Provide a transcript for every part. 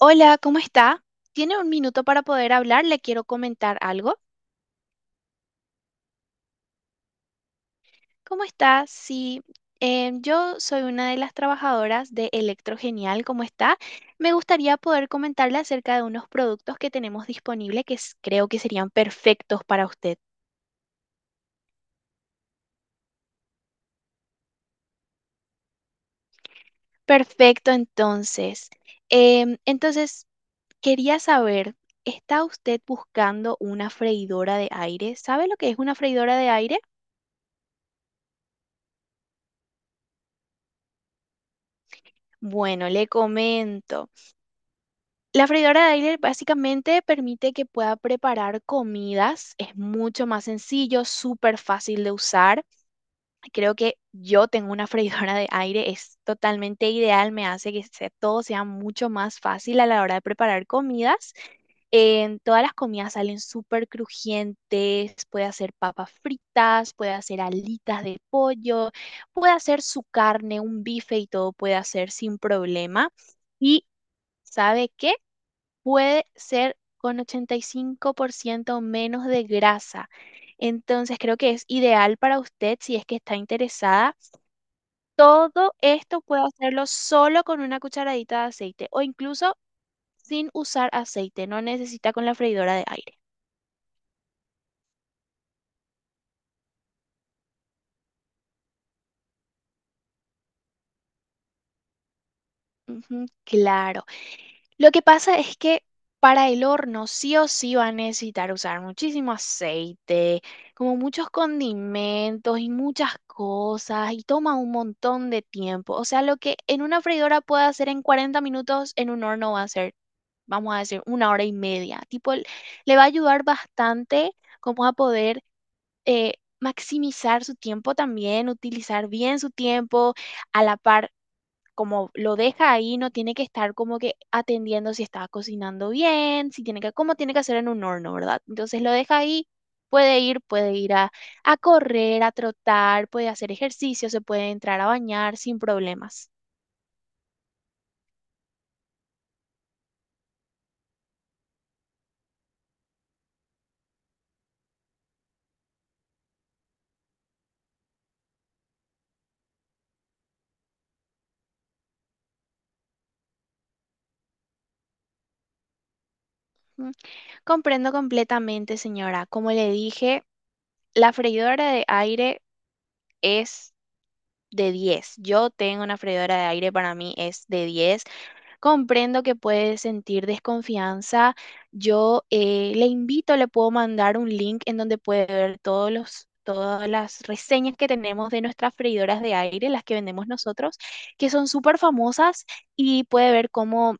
Hola, ¿cómo está? ¿Tiene un minuto para poder hablar? Le quiero comentar algo. ¿Cómo está? Sí, yo soy una de las trabajadoras de Electrogenial. ¿Cómo está? Me gustaría poder comentarle acerca de unos productos que tenemos disponibles que creo que serían perfectos para usted. Perfecto, entonces. Entonces, quería saber, ¿está usted buscando una freidora de aire? ¿Sabe lo que es una freidora de aire? Bueno, le comento. La freidora de aire básicamente permite que pueda preparar comidas. Es mucho más sencillo, súper fácil de usar. Creo que yo tengo una freidora de aire, es totalmente ideal, me hace que todo sea mucho más fácil a la hora de preparar comidas. En todas las comidas salen súper crujientes, puede hacer papas fritas, puede hacer alitas de pollo, puede hacer su carne, un bife y todo puede hacer sin problema. ¿Y sabe qué? Puede ser con 85% menos de grasa. Entonces creo que es ideal para usted si es que está interesada. Todo esto puede hacerlo solo con una cucharadita de aceite o incluso sin usar aceite. No necesita con la freidora de aire. Ujú, claro. Lo que pasa es que para el horno sí o sí va a necesitar usar muchísimo aceite, como muchos condimentos y muchas cosas, y toma un montón de tiempo. O sea, lo que en una freidora puede hacer en 40 minutos, en un horno va a ser, vamos a decir, una hora y media. Tipo, le va a ayudar bastante como a poder eh, maximizar su tiempo también, utilizar bien su tiempo a la par como lo deja ahí, no tiene que estar como que atendiendo si está cocinando bien, si tiene que, como tiene que hacer en un horno, ¿verdad? Entonces lo deja ahí, puede ir a correr, a trotar, puede hacer ejercicio, se puede entrar a bañar sin problemas. Mm, Comprendo completamente, señora. Como le dije, la freidora de aire es de diez. Yo tengo una freidora de aire, para mí es de diez. Comprendo que puede sentir desconfianza. Yo le invito, le puedo mandar un link en donde puede ver todas las reseñas que tenemos de nuestras freidoras de aire, las que vendemos nosotros, que son súper famosas y puede ver cómo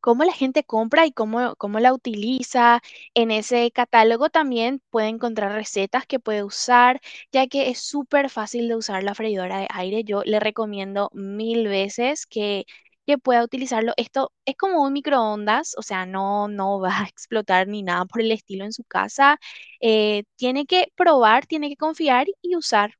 cómo la gente compra y cómo la utiliza. En ese catálogo también puede encontrar recetas que puede usar, ya que es súper fácil de usar la freidora de aire. Yo le recomiendo mil veces que pueda utilizarlo. Esto es como un microondas, o sea, no, no va a explotar ni nada por el estilo en su casa. Tiene que probar, tiene que confiar y usar.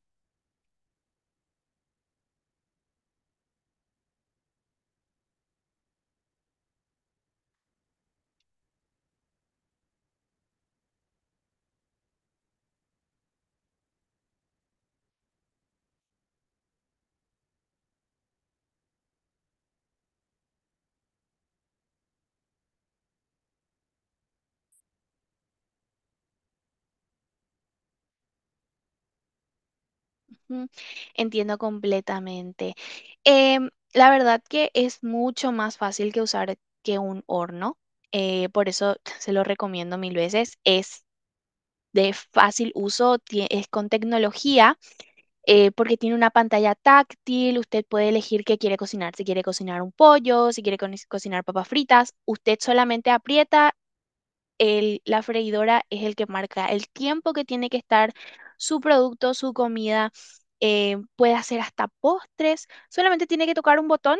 Mm, Entiendo completamente. La verdad que es mucho más fácil que usar que un horno, por eso se lo recomiendo mil veces. Es de fácil uso, es con tecnología, porque tiene una pantalla táctil, usted puede elegir qué quiere cocinar, si quiere cocinar un pollo, si quiere cocinar papas fritas, usted solamente aprieta la freidora es el que marca el tiempo que tiene que estar su producto, su comida, puede hacer hasta postres, solamente tiene que tocar un botón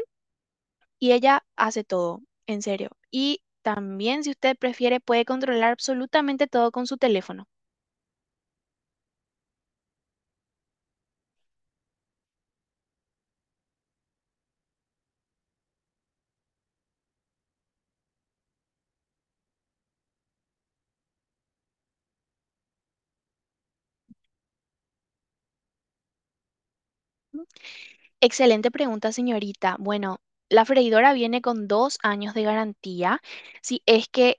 y ella hace todo, en serio. Y también, si usted prefiere, puede controlar absolutamente todo con su teléfono. Excelente pregunta, señorita. Bueno, la freidora viene con 2 años de garantía. Si es que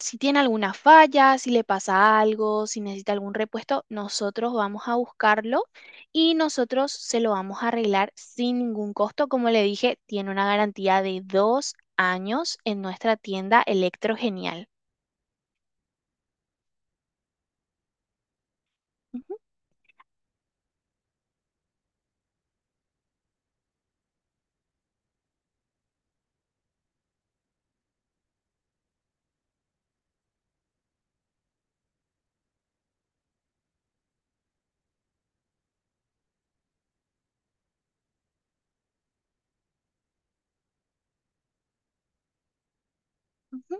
si tiene alguna falla, si le pasa algo, si necesita algún repuesto, nosotros vamos a buscarlo y nosotros se lo vamos a arreglar sin ningún costo. Como le dije, tiene una garantía de 2 años en nuestra tienda Electro Genial. Ujú. Ujú.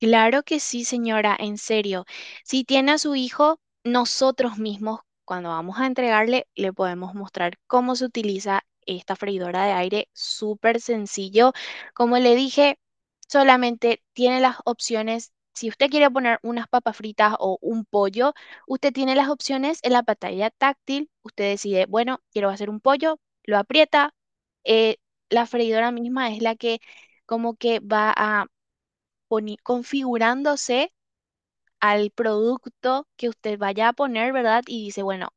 Claro que sí, señora, en serio. Si tiene a su hijo, nosotros mismos, cuando vamos a entregarle, le podemos mostrar cómo se utiliza esta freidora de aire, súper sencillo. Como le dije, solamente tiene las opciones. Si usted quiere poner unas papas fritas o un pollo, usted tiene las opciones en la pantalla táctil. Usted decide, bueno, quiero hacer un pollo, lo aprieta. eh, la freidora misma es la que como que va a configurándose al producto que usted vaya a poner, ¿verdad? Y dice, bueno,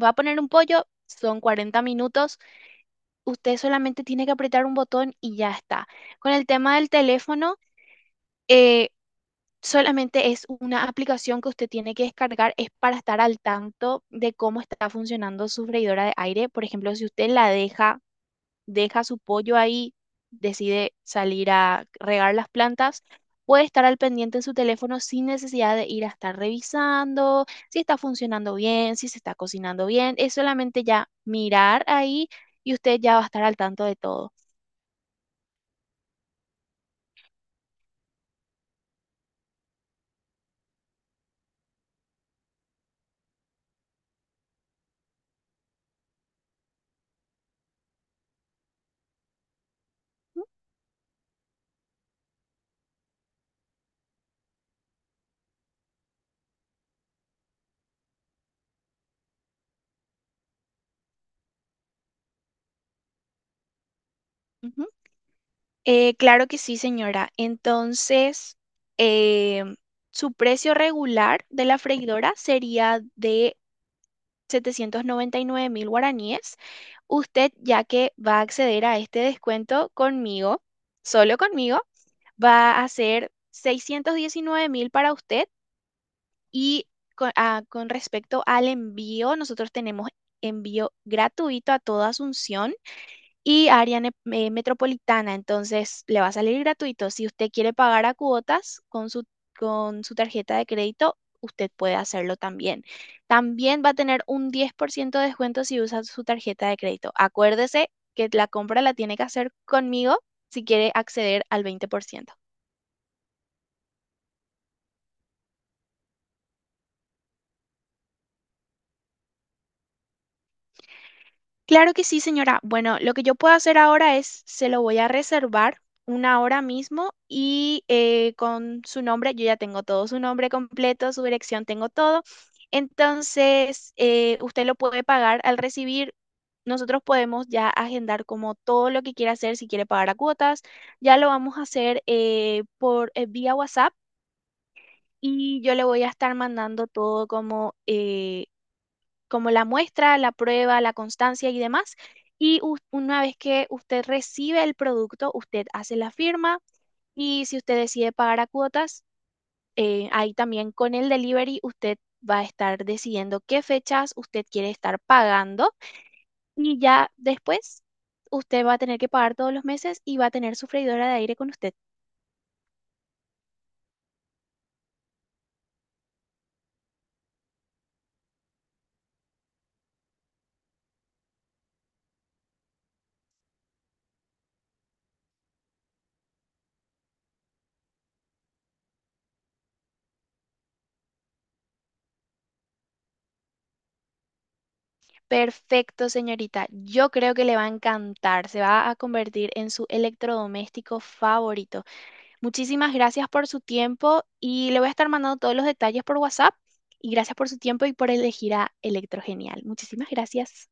va a poner un pollo, son 40 minutos, usted solamente tiene que apretar un botón y ya está. Con el tema del teléfono, eh, solamente es una aplicación que usted tiene que descargar, es para estar al tanto de cómo está funcionando su freidora de aire. Por ejemplo, si usted la deja su pollo ahí, decide salir a regar las plantas, puede estar al pendiente en su teléfono sin necesidad de ir a estar revisando si está funcionando bien, si se está cocinando bien. Es solamente ya mirar ahí y usted ya va a estar al tanto de todo. ¿Mm? Ujú. Claro que sí, señora. Entonces, eh, su precio regular de la freidora sería de 799.000 guaraníes. Usted, ya que va a acceder a este descuento conmigo, solo conmigo, va a ser 619.000 para usted y con respecto al envío, nosotros tenemos envío gratuito a toda Asunción y área metropolitana, entonces le va a salir gratuito. Si usted quiere pagar a cuotas con su tarjeta de crédito, usted puede hacerlo también. También va a tener un 10% de descuento si usa su tarjeta de crédito. Acuérdese que la compra la tiene que hacer conmigo si quiere acceder al 20%. Claro que sí, señora. Bueno, lo que yo puedo hacer ahora es, se lo voy a reservar una hora mismo y con su nombre, yo ya tengo todo, su nombre completo, su dirección, tengo todo. Entonces, usted lo puede pagar al recibir. Nosotros podemos ya agendar como todo lo que quiera hacer, si quiere pagar a cuotas, ya lo vamos a hacer por vía WhatsApp y yo le voy a estar mandando todo como la muestra, la prueba, la constancia y demás. Y una vez que usted recibe el producto, usted hace la firma y si usted decide pagar a cuotas, ahí también con el delivery usted va a estar decidiendo qué fechas usted quiere estar pagando y ya después usted va a tener que pagar todos los meses y va a tener su freidora de aire con usted. Perfecto, señorita. Yo creo que le va a encantar. Se va a convertir en su electrodoméstico favorito. Muchísimas gracias por su tiempo y le voy a estar mandando todos los detalles por WhatsApp. Y gracias por su tiempo y por elegir a Electrogenial. Muchísimas gracias.